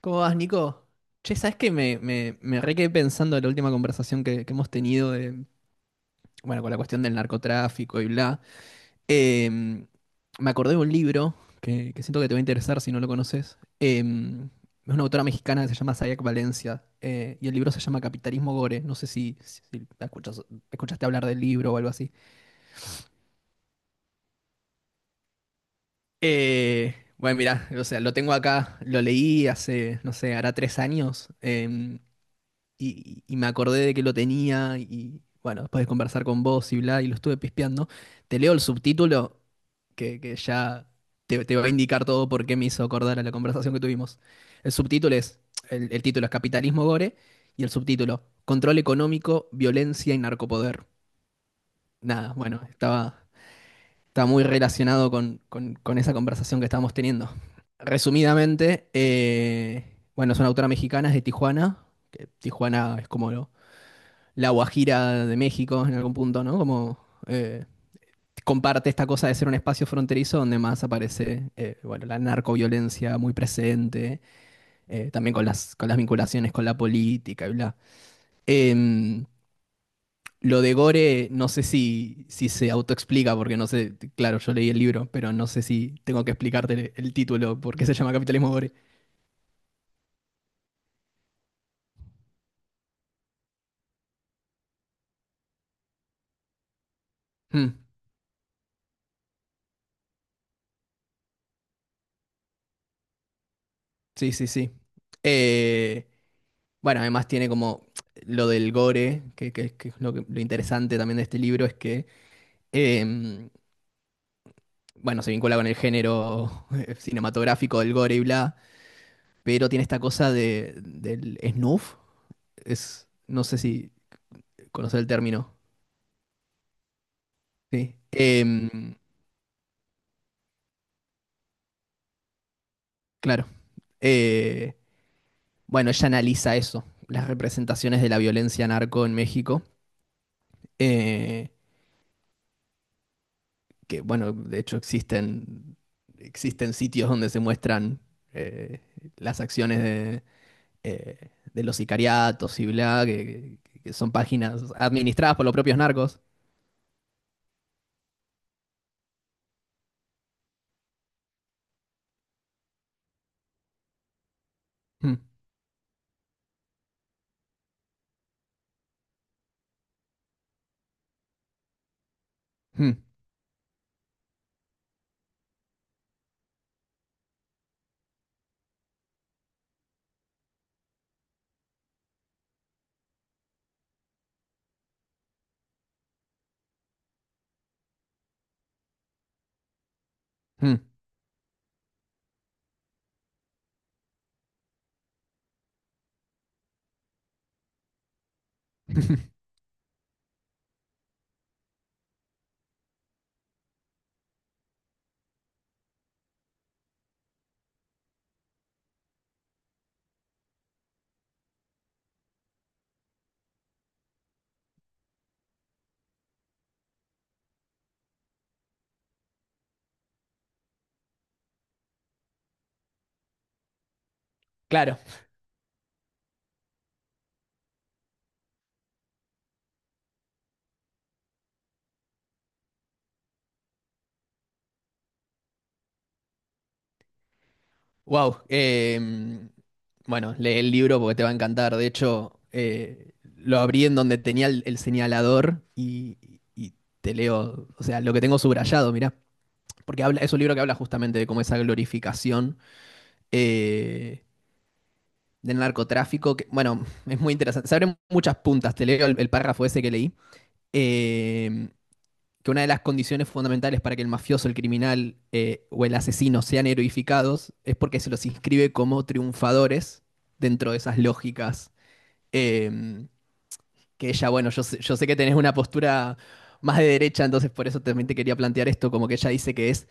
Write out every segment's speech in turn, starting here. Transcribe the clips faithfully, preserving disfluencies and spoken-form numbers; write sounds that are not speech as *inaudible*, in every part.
¿Cómo vas, Nico? Che, ¿sabes qué? Me, me, me re quedé pensando en la última conversación que, que hemos tenido de, bueno, con la cuestión del narcotráfico y bla. Em, Me acordé de un libro que, que siento que te va a interesar si no lo conoces. Em, es una autora mexicana que se llama Sayak Valencia eh, y el libro se llama Capitalismo Gore. No sé si, si, si la escuchas- escuchaste hablar del libro o algo así. Eh, bueno, mira, o sea, lo tengo acá, lo leí hace, no sé, hará tres años. em, y, y me acordé de que lo tenía y bueno, después de conversar con vos y bla, y lo estuve pispeando, te leo el subtítulo que, que ya te, te va a indicar todo por qué me hizo acordar a la conversación que tuvimos. El subtítulo es, el, el título es Capitalismo Gore y el subtítulo Control económico, violencia y narcopoder. Nada, bueno, estaba, estaba muy relacionado con, con- con esa conversación que estábamos teniendo. Resumidamente, eh, bueno, es una autora mexicana, es de Tijuana, que Tijuana es como lo, la Guajira de México en algún punto, ¿no? Como eh, comparte esta cosa de ser un espacio fronterizo donde más aparece, eh, bueno, la narcoviolencia muy presente, eh, también con las, con las vinculaciones con la política y bla. Em, lo de Gore, no sé si, si se autoexplica, porque no sé, claro, yo leí el libro, pero no sé si tengo que explicarte el, el título, por qué se llama Capitalismo Gore. Mm, sí, sí, sí. Eh, Bueno, además tiene como lo del gore, que, que- que es lo, que- lo interesante también de este libro, es que, em, bueno, se vincula con el género *laughs* cinematográfico del gore y bla, pero tiene esta cosa de, del snuff, es, no sé si conocer el término, ¿sí? Em, claro. Eh, bueno, ella analiza eso, las representaciones de la violencia narco en México. eh, que bueno, de hecho existen, existen sitios donde se muestran eh, las acciones de, eh, de los sicariatos y bla, que, que- que son páginas administradas por los propios narcos. Mm, mm, mm. *laughs* Claro, wow. Em, bueno, lee el libro porque te va a encantar. De hecho, eh, lo abrí en donde tenía el, el señalador y, y te leo, o sea, lo que tengo subrayado, mirá, porque habla, es un libro que habla justamente de cómo esa glorificación eh, del narcotráfico, que, bueno, *laughs* es muy interesante. Se abren muchas puntas, te leo el, el párrafo ese que leí, eh, que una de las condiciones fundamentales para que el mafioso, el criminal eh, o el asesino sean heroificados es porque se los inscribe como triunfadores dentro de esas lógicas. eh, que ella, bueno, yo sé, yo sé que tenés una postura más de derecha, entonces por eso también te quería plantear esto, como que ella dice que es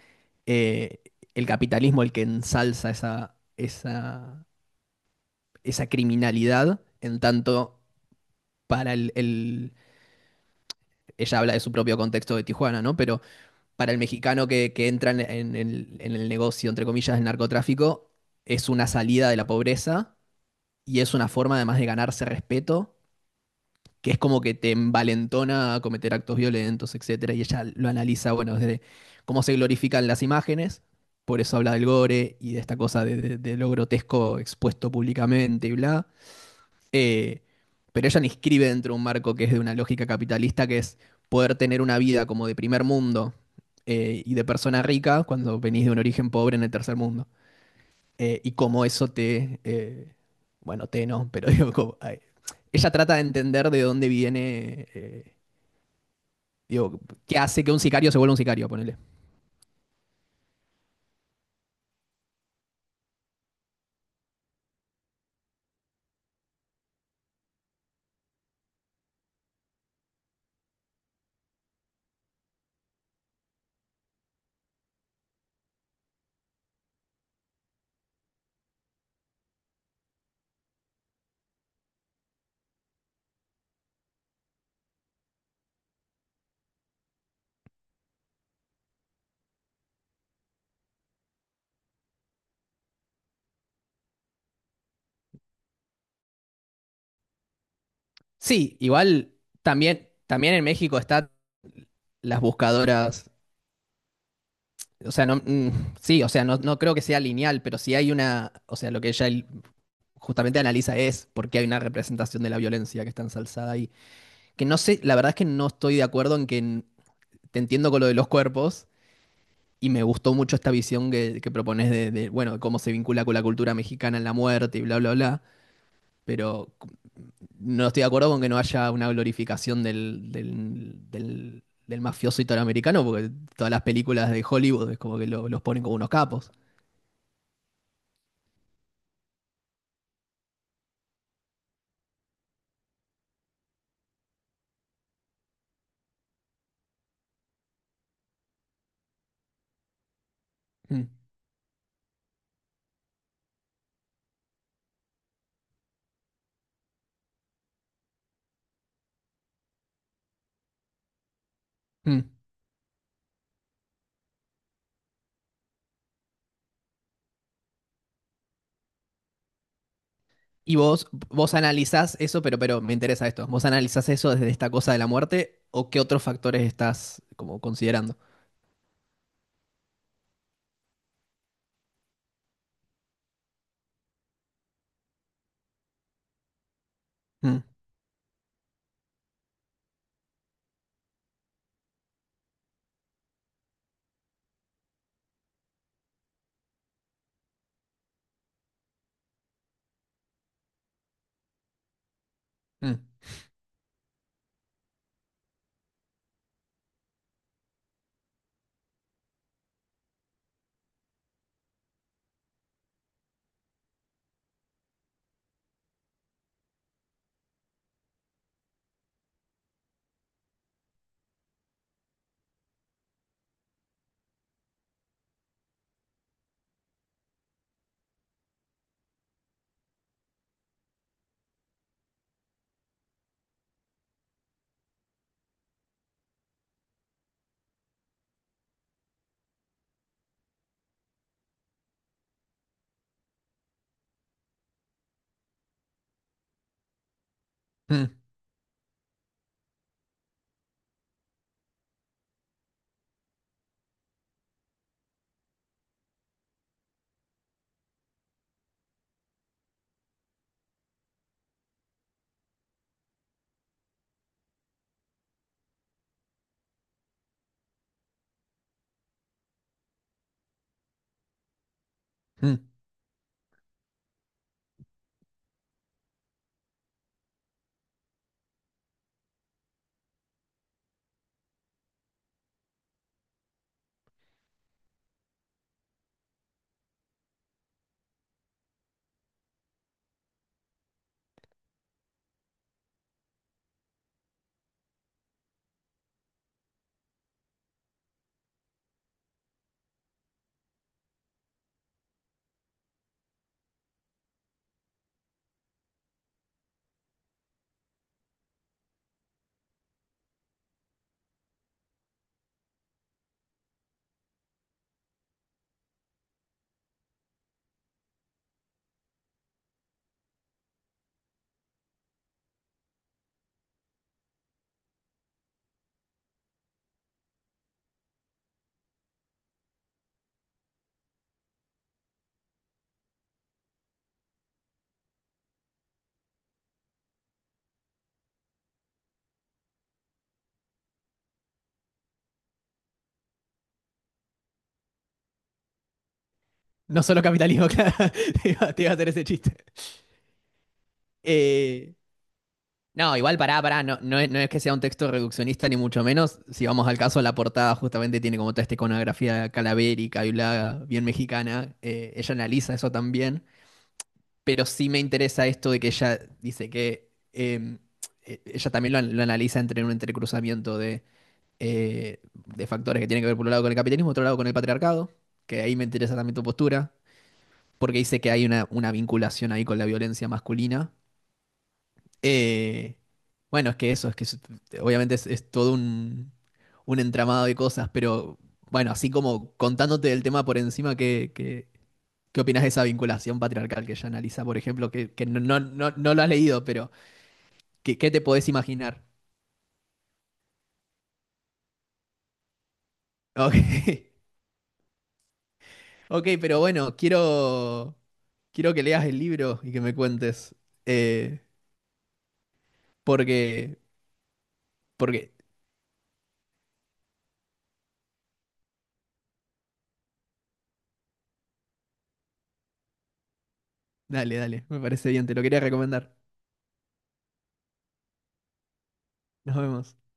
eh, el capitalismo el que ensalza esa, esa esa criminalidad, en tanto para el, el- ella habla de su propio contexto de Tijuana, ¿no? Pero para el mexicano que, que entra en, en el, en el negocio, entre comillas, del narcotráfico, es una salida de la pobreza y es una forma además de ganarse respeto, que es como que te envalentona a cometer actos violentos, etcétera. Y ella lo analiza, bueno, desde cómo se glorifican las imágenes, por eso habla del gore y de esta cosa de, de- de lo grotesco expuesto públicamente y bla. Eh, pero ella la inscribe dentro de un marco que es de una lógica capitalista, que es poder tener una vida como de primer mundo eh, y de persona rica cuando venís de un origen pobre en el tercer mundo. Eh, y cómo eso te, eh, bueno, te no, pero *laughs* digo, como, ay, ella trata de entender de dónde viene, eh, digo, qué hace que un sicario se vuelva un sicario, ponele. Sí, igual también, también en México está las buscadoras. O sea, no, mm, sí, o sea, no, no creo que sea lineal, pero sí hay una, o sea, lo que ella el- justamente analiza es por qué hay una representación de la violencia que está ensalzada ahí. Que no sé, la verdad es que no estoy de acuerdo en que n- te entiendo con lo de los cuerpos y me gustó mucho esta visión que, que propones de, de, bueno, cómo se vincula con la cultura mexicana en la muerte y bla, bla, bla, pero c- no estoy de acuerdo con que no haya una glorificación del, del, del, del mafioso italoamericano, porque todas las películas de Hollywood es como que lo- los ponen como unos capos. Mm. Mm. Y vos, vos analizás eso, pero, pero me interesa esto. ¿Vos analizás eso desde esta cosa de la muerte o qué otros factores estás como considerando? Mm, mm, mm, mm. No solo capitalismo, *laughs* claro. Te iba, te iba a hacer ese chiste. Eh, no, igual pará, pará. No, no es, no es que sea un texto reduccionista, ni mucho menos. Si vamos al caso, la portada justamente tiene como toda esta iconografía calavérica y bla, bien mexicana. Eh, ella analiza eso también. Pero sí me interesa esto de que ella dice que em, e- ella también lo, an- lo analiza entre un entrecruzamiento de, eh, de factores que tienen que ver por un lado con el capitalismo, otro lado con el patriarcado, que ahí me interesa también tu postura, porque dice que hay una, una vinculación ahí con la violencia masculina. Eh, bueno, es que eso, es que es- obviamente es, es todo un, un entramado de cosas, pero bueno, así como contándote el tema por encima que, ¿qué opinas de esa vinculación patriarcal que ella analiza, por ejemplo, que, que no, no, no, no lo has leído, pero ¿qué, qué te podés imaginar? Ok, *laughs* ok, pero bueno, quiero, quiero que leas el libro y que me cuentes, eh, porque, porque, dale, dale, me parece bien, te lo quería recomendar. Nos vemos.